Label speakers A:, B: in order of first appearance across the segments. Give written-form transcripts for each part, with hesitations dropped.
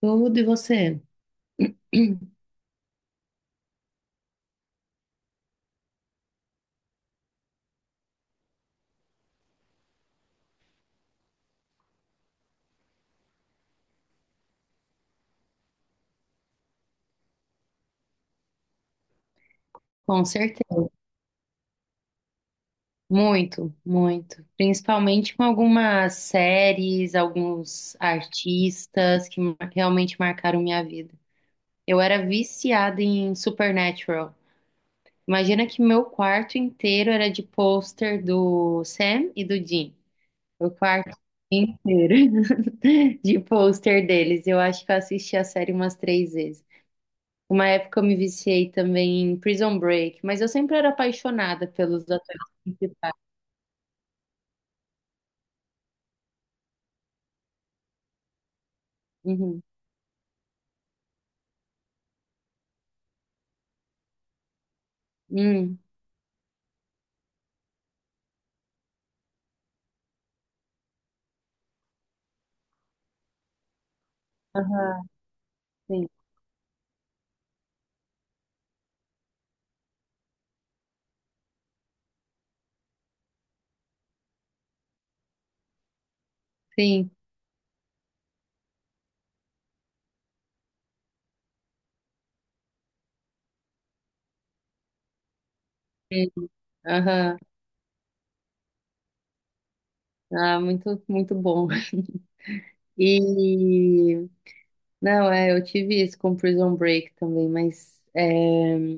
A: Tudo e você? Com certeza. Muito, muito. Principalmente com algumas séries, alguns artistas que realmente marcaram minha vida. Eu era viciada em Supernatural. Imagina que meu quarto inteiro era de pôster do Sam e do Dean. O quarto inteiro de pôster deles. Eu acho que eu assisti a série umas três vezes. Uma época eu me viciei também em Prison Break, mas eu sempre era apaixonada pelos atores principais. Uhum. Hum. Aham. Sim, sim, sim. Aham. Ah, muito, muito bom. E não, eu tive isso com Prison Break também,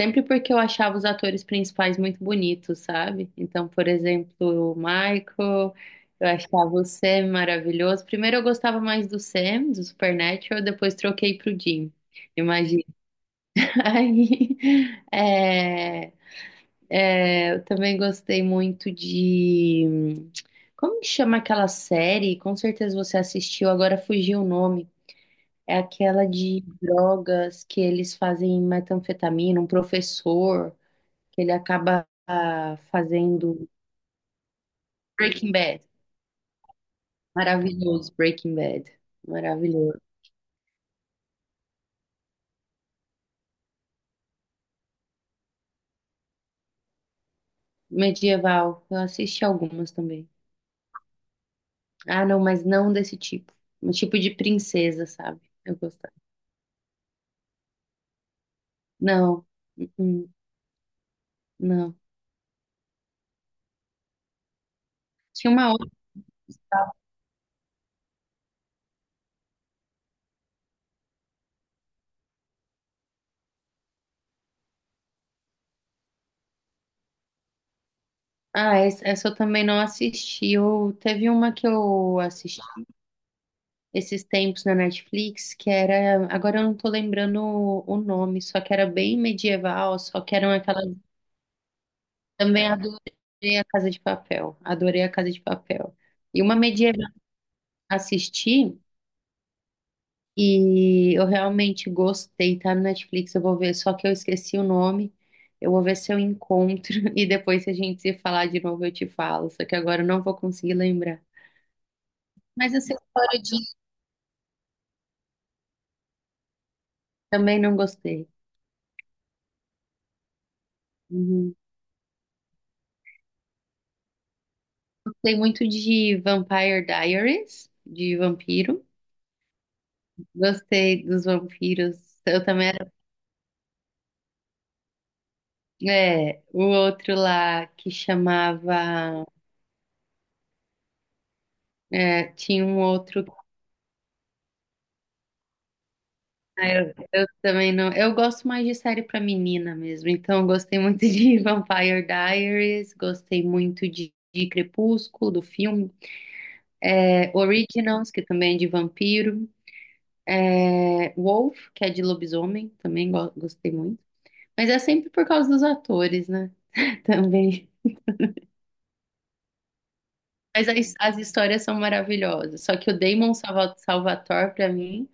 A: sempre porque eu achava os atores principais muito bonitos, sabe? Então, por exemplo, o Michael, eu achava o Sam maravilhoso. Primeiro eu gostava mais do Sam, do Supernatural, depois troquei pro Jim, imagina. Aí, é, eu também gostei muito de... Como que chama aquela série? Com certeza você assistiu, agora fugiu o nome. É aquela de drogas que eles fazem metanfetamina, um professor que ele acaba fazendo Breaking Bad. Maravilhoso, Breaking Bad. Maravilhoso. Medieval, eu assisti algumas também. Ah, não, mas não desse tipo. Um tipo de princesa, sabe? Eu gostava. Não, uh-uh, não. Tinha uma outra. Ah, essa eu também não assisti. Eu, teve uma que eu assisti esses tempos na Netflix, que era. Agora eu não tô lembrando o nome, só que era bem medieval, só que eram aquelas. Também adorei a Casa de Papel. Adorei a Casa de Papel. E uma medieval que eu assisti e eu realmente gostei, tá no Netflix, eu vou ver, só que eu esqueci o nome. Eu vou ver se eu encontro e depois se a gente se falar de novo eu te falo, só que agora eu não vou conseguir lembrar. Mas essa história de também não gostei. Uhum. Gostei muito de Vampire Diaries, de vampiro. Gostei dos vampiros. Eu também. É, o outro lá que chamava. É, tinha um outro. Eu também não. Eu gosto mais de série pra menina mesmo. Então, eu gostei muito de Vampire Diaries, gostei muito de Crepúsculo, do filme. É, Originals, que também é de vampiro. É, Wolf, que é de lobisomem, também gostei muito. Mas é sempre por causa dos atores, né? Também. Mas as histórias são maravilhosas. Só que o Salvatore, pra mim,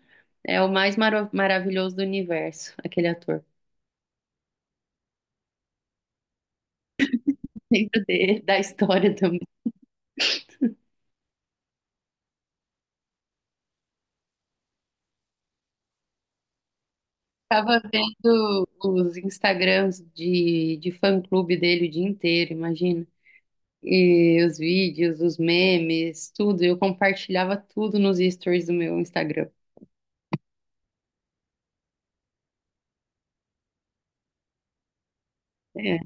A: é o mais maravilhoso do universo, aquele ator. Lembro dele, da história também. Tava vendo os Instagrams de fã-clube dele o dia inteiro, imagina. E os vídeos, os memes, tudo. Eu compartilhava tudo nos stories do meu Instagram. É,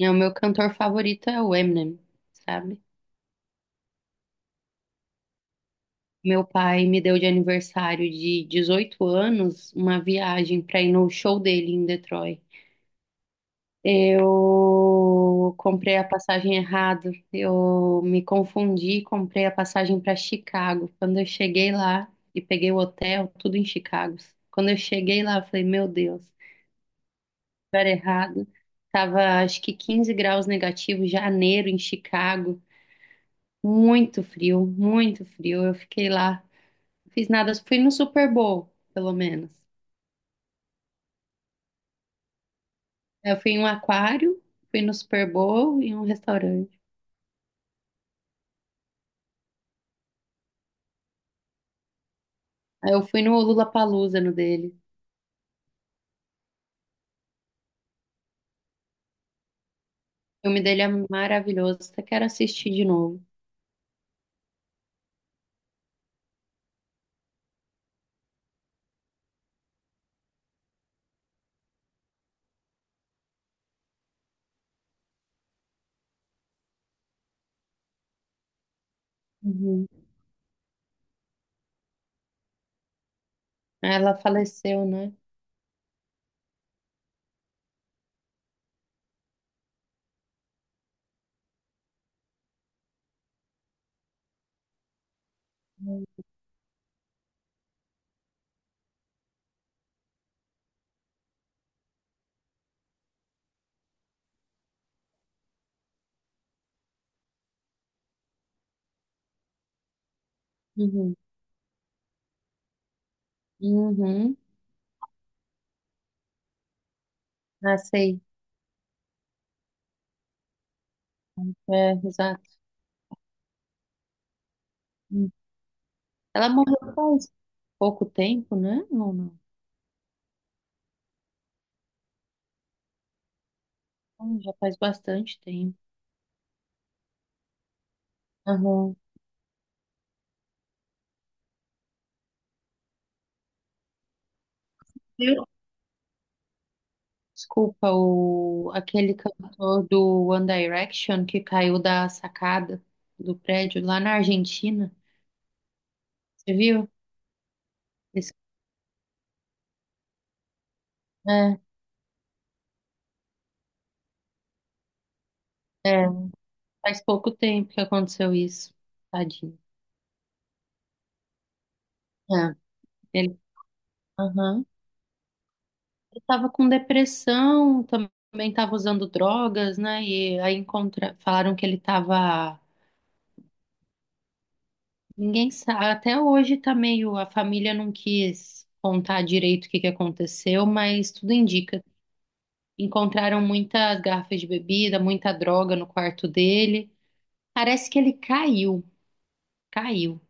A: é o meu cantor favorito é o Eminem, sabe? Meu pai me deu de aniversário de 18 anos uma viagem para ir no show dele em Detroit. Eu comprei a passagem errado, eu me confundi, e comprei a passagem para Chicago. Quando eu cheguei lá e peguei o hotel, tudo em Chicago. Quando eu cheguei lá, eu falei, meu Deus, lugar errado. Tava acho que 15 graus negativos, janeiro em Chicago, muito frio, muito frio. Eu fiquei lá. Fiz nada, fui no Super Bowl, pelo menos. Eu fui em um aquário, fui no Super Bowl e um restaurante. Aí eu fui no Lollapalooza, no dele. O filme dele é maravilhoso, até quero assistir de novo. Uhum. Ela faleceu, né? Uhum. Uhum. Ah, sei. É, exato. Hum. Ela morreu faz pouco tempo, né? Não, não. Hum. Já faz bastante tempo. Aham. Desculpa, o, aquele cantor do One Direction que caiu da sacada do prédio lá na Argentina. Você viu? Esse- é, é, faz pouco tempo que aconteceu isso. Tadinho. É, ele, aham. Ele tava com depressão, também tava usando drogas, né? E aí encontra, falaram que ele tava. Ninguém sabe. Até hoje tá meio. A família não quis contar direito o que que aconteceu, mas tudo indica. Encontraram muitas garrafas de bebida, muita droga no quarto dele. Parece que ele caiu, caiu.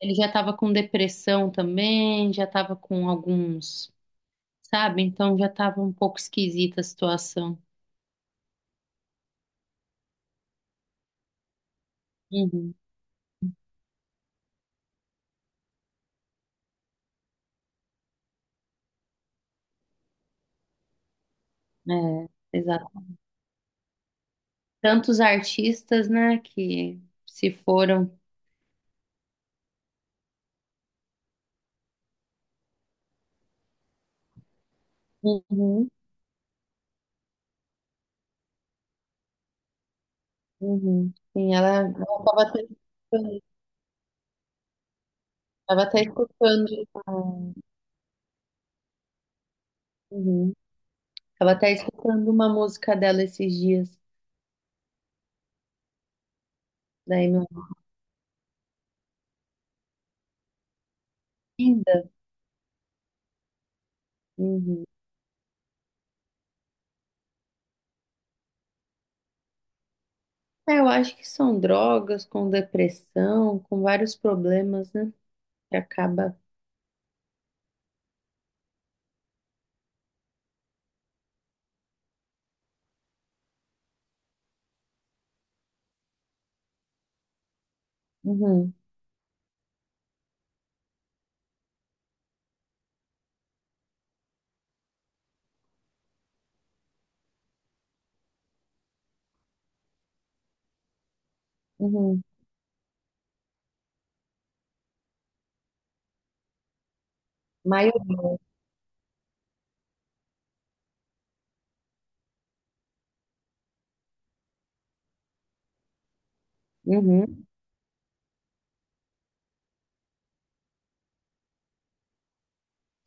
A: Ele já estava com depressão também, já estava com alguns, sabe? Então já estava um pouco esquisita a situação. Uhum, é, exato. Tantos artistas, né, que se foram. Uhum, uhum. Sim, ela estava até escutando. Tava até escutando, uhum. Tava até escutando uma música dela esses dias, da Amy. Ainda. Uhum. É, eu acho que são drogas com depressão, com vários problemas, né? Que acaba. Uhum, uhum. Maioria. Uhum.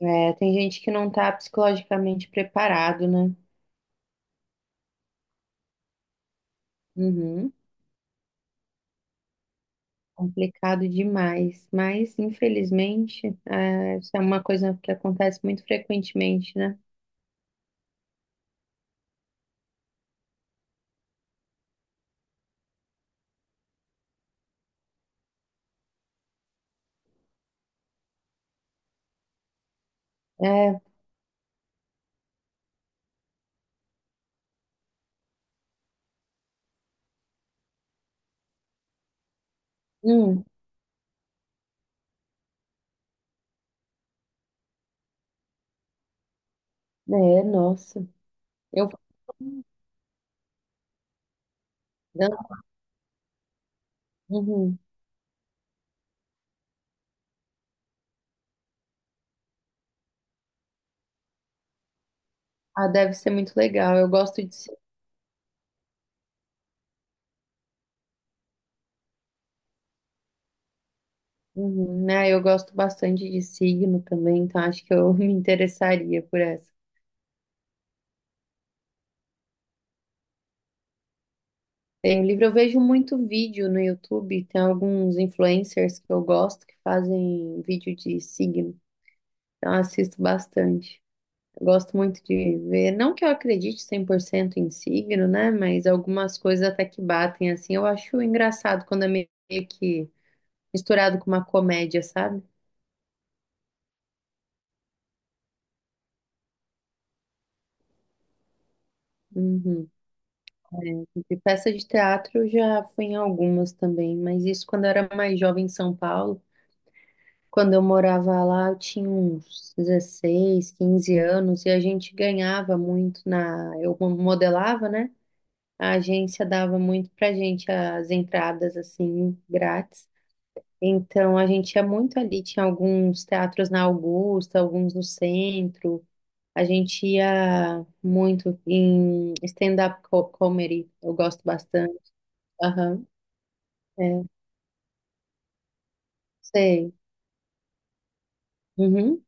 A: É, tem gente que não tá psicologicamente preparado, né? Uhum. Complicado demais. Mas, infelizmente, isso é uma coisa que acontece muito frequentemente, né? É, hum, é, nossa. Eu. Uhum. Ah, deve ser muito legal. Eu gosto de. Uhum. Ah, eu gosto bastante de signo também, então acho que eu me interessaria por essa. Tem o livro, eu vejo muito vídeo no YouTube, tem alguns influencers que eu gosto que fazem vídeo de signo, então eu assisto bastante. Eu gosto muito de ver, não que eu acredite 100% em signo, né, mas algumas coisas até que batem, assim, eu acho engraçado quando é meio que misturado com uma comédia, sabe? Uhum. De peça de teatro eu já fui em algumas também, mas isso quando eu era mais jovem em São Paulo. Quando eu morava lá, eu tinha uns 16, 15 anos e a gente ganhava muito na. Eu modelava, né? A agência dava muito pra gente as entradas, assim, grátis. Então a gente ia muito ali, tinha alguns teatros na Augusta, alguns no centro. A gente ia muito em comedy, eu gosto bastante. Aham. É. Sei. Uhum.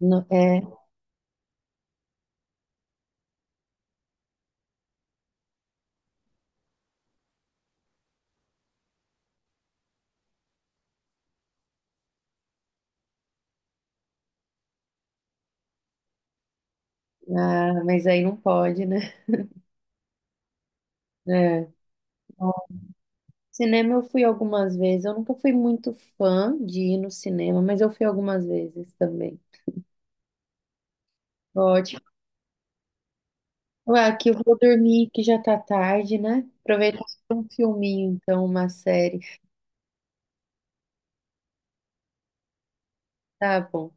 A: É. Ah, mas aí não pode, né? É. Cinema eu fui algumas vezes. Eu nunca fui muito fã de ir no cinema, mas eu fui algumas vezes também. Ótimo. Ué, aqui eu vou dormir, que já tá tarde, né? Aproveitar pra um filminho, então, uma série. Tá bom.